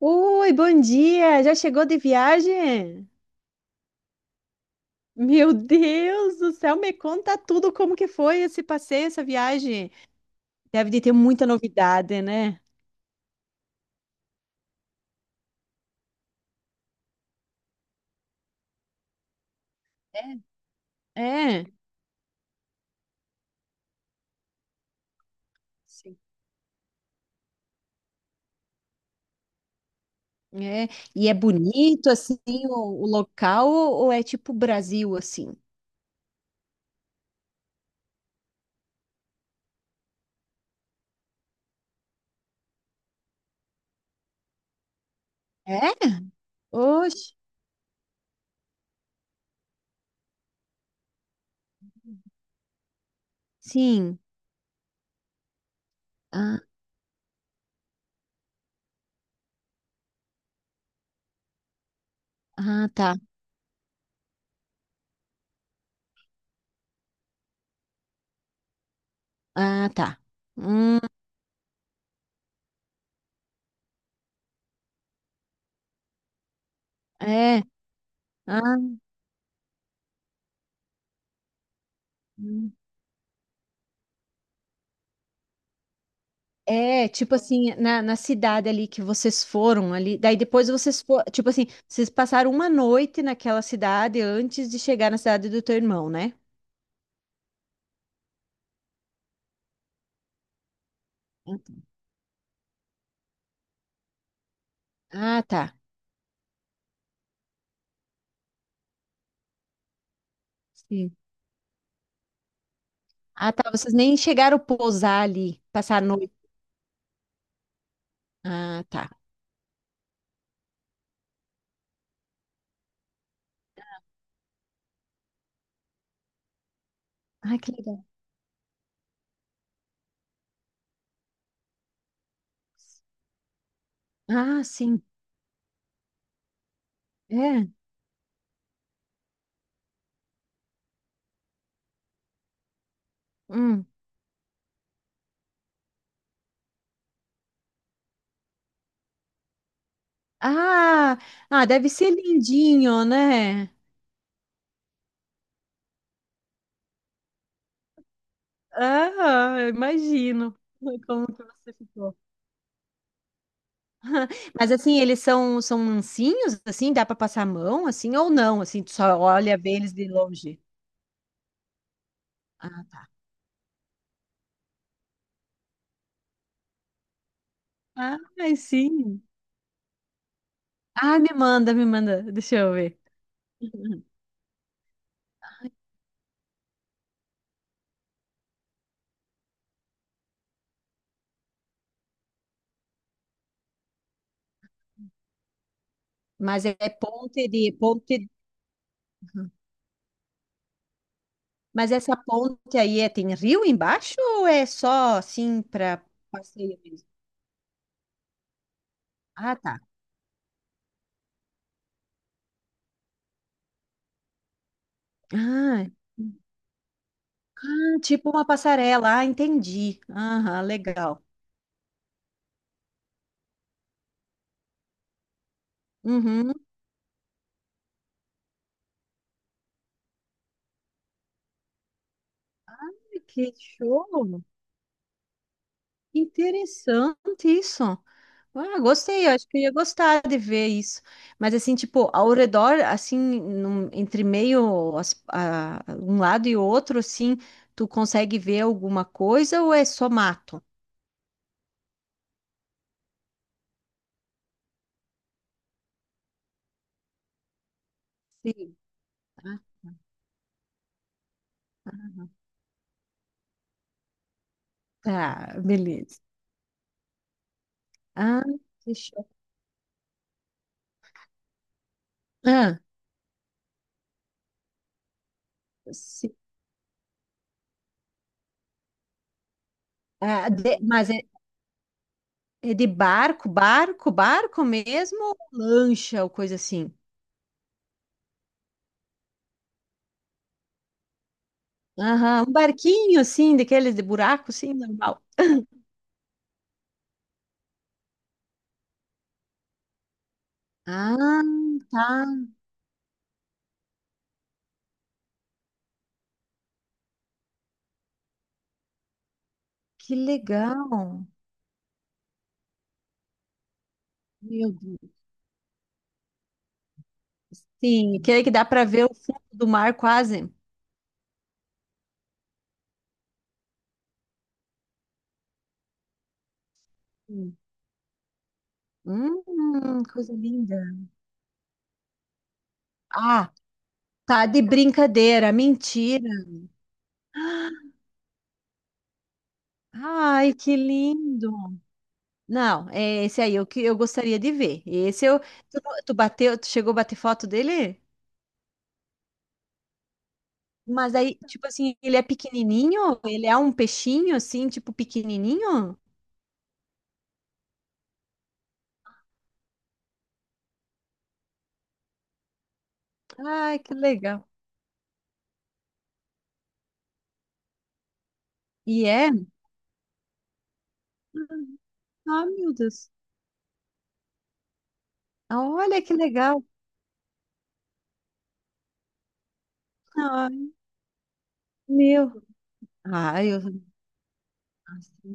Oi, bom dia! Já chegou de viagem? Meu Deus do céu, me conta tudo como que foi esse passeio, essa viagem. Deve de ter muita novidade, né? É, sim. É. E é bonito assim o local ou é tipo Brasil assim? É? Oxe, sim. Ah, ah, tá. Ah, tá. Hum, é. Ah. Hum. É, tipo assim, na cidade ali que vocês foram ali, daí depois vocês foram, tipo assim, vocês passaram uma noite naquela cidade antes de chegar na cidade do teu irmão, né? Ah, tá. Sim. Ah, tá, vocês nem chegaram a pousar ali, passar a noite. Ah, tá. Ah, que legal. Ah, sim. É. Hum. Ah, ah, deve ser lindinho, né? Ah, imagino como que você ficou. Mas assim, eles são mansinhos, assim, dá para passar a mão, assim, ou não, assim, tu só olha, vê eles de longe. Ah, tá. Ah, sim. Ah, me manda, deixa eu ver. Uhum. Mas é ponte de ponte, mas essa ponte aí tem rio embaixo ou é só assim para passeio mesmo? Ah, tá. Ah, hum, tipo uma passarela. Ah, entendi. Aham, legal. Uhum. Que show! Interessante isso. Ah, gostei, acho que eu ia gostar de ver isso. Mas assim, tipo, ao redor, assim, entre meio um lado e outro, assim, tu consegue ver alguma coisa ou é só mato? Sim. Ah, tá, beleza. Ah, fechou. Ah, sim. Ah, mas é de barco, barco, barco mesmo, ou lancha ou coisa assim? Aham, um barquinho assim, daqueles de buraco, assim, normal. Ah, tá. Que legal. Meu Deus. Sim, que aí que dá para ver o fundo do mar quase. Sim. Coisa linda. Ah, tá de brincadeira, mentira. Ai, que lindo. Não, é esse aí é o que eu gostaria de ver. Tu, tu bateu, tu chegou a bater foto dele? Mas aí, tipo assim, ele é pequenininho? Ele é um peixinho assim, tipo pequenininho? Ai, que legal. E é? Ah, meu Deus. Olha que legal. Ai, meu. Ai, nossa,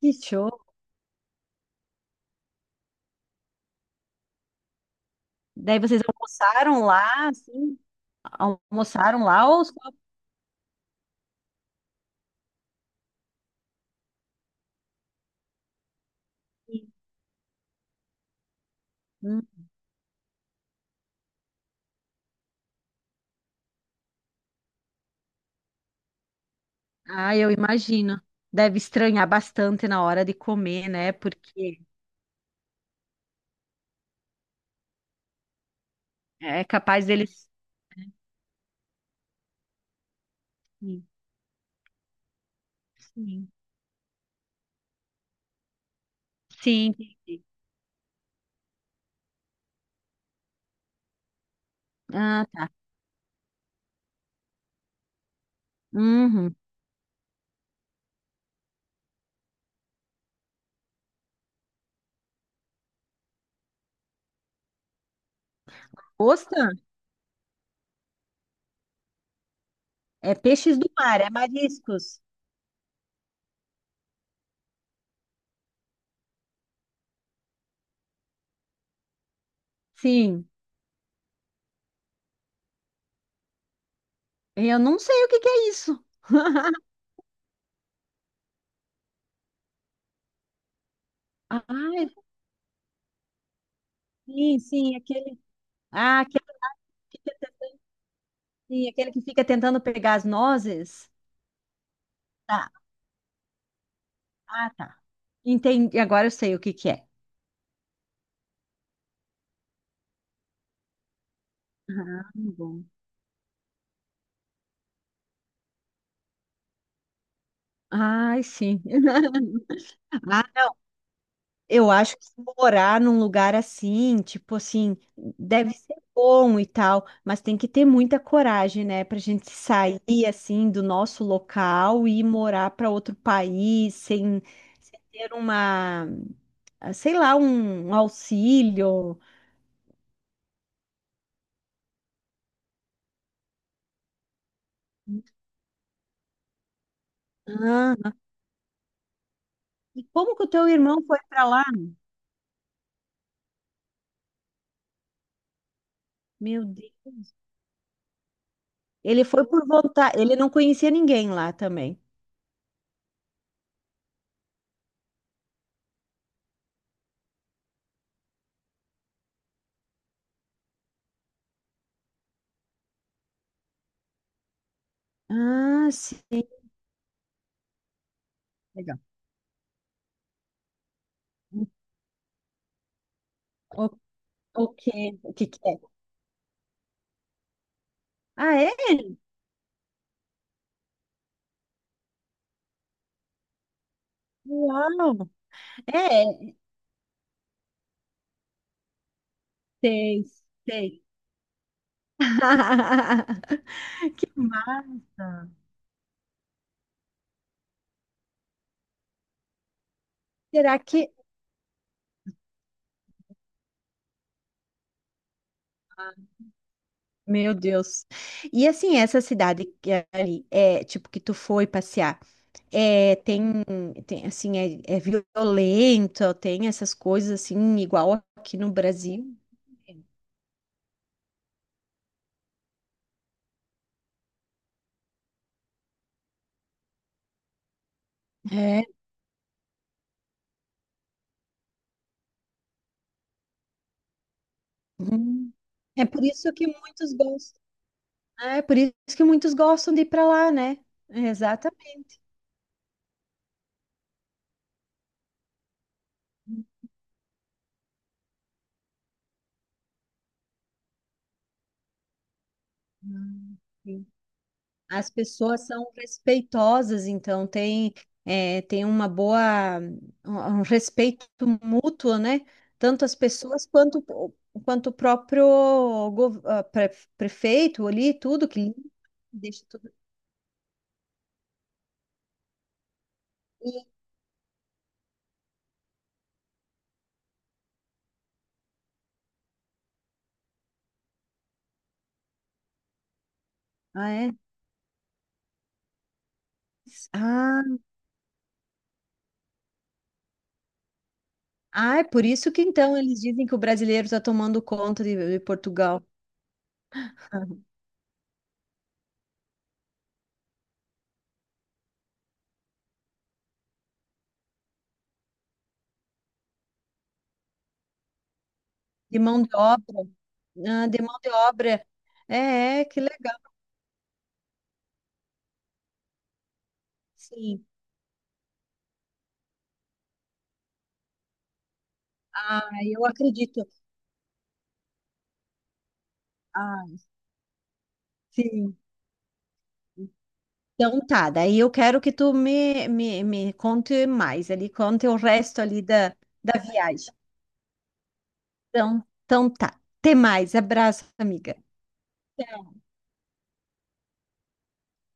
que show. Daí vocês almoçaram lá, assim? Almoçaram lá ou só... Hum. Ah, eu imagino. Deve estranhar bastante na hora de comer, né? Porque é capaz deles... Sim, sim. Sim. Ah, tá. Uhum. Ostra é peixes do mar, é mariscos. Sim. Eu não sei o que que é isso. Ah, sim, sim, aquele... Ah, aquele... Sim, aquele que fica tentando pegar as nozes. Tá. Ah, tá. Entendi. Agora eu sei o que que é. Ah, bom. Ai, sim. Ah, eu acho que se morar num lugar assim, tipo assim, deve ser bom e tal, mas tem que ter muita coragem, né, pra gente sair assim do nosso local e ir morar para outro país sem ter uma, sei lá, um auxílio. Ah, e como que o teu irmão foi para lá? Meu Deus. Ele foi por vontade, ele não conhecia ninguém lá também. Ah, sim. Legal. O, o que, o que que é? Ah, é? Uau! É, sei, sei. Que massa! Será que... Meu Deus. E assim, essa cidade que é ali, é, tipo, que tu foi passear, é, tem, tem, assim, é violento, tem essas coisas, assim, igual aqui no Brasil? É. Uhum. É por isso que muitos gostam. Né? É por isso que muitos gostam de ir para lá, né? Exatamente. Uhum. Sim. As pessoas são respeitosas, então tem uma boa, um respeito mútuo, né? Tanto as pessoas quanto, quanto o próprio gov- ah, pre- prefeito ali, tudo que limpa, deixa tudo limpo. Ah, é? Ah, ah, é por isso que então eles dizem que o brasileiro está tomando conta de Portugal. De mão de obra. Ah, de mão de obra. É, é, que legal. Sim. Ah, eu acredito. Ah, sim. Então tá, daí eu quero que tu me conte mais ali, conte o resto ali da viagem. Então tá. Até mais. Abraço, amiga. Tchau.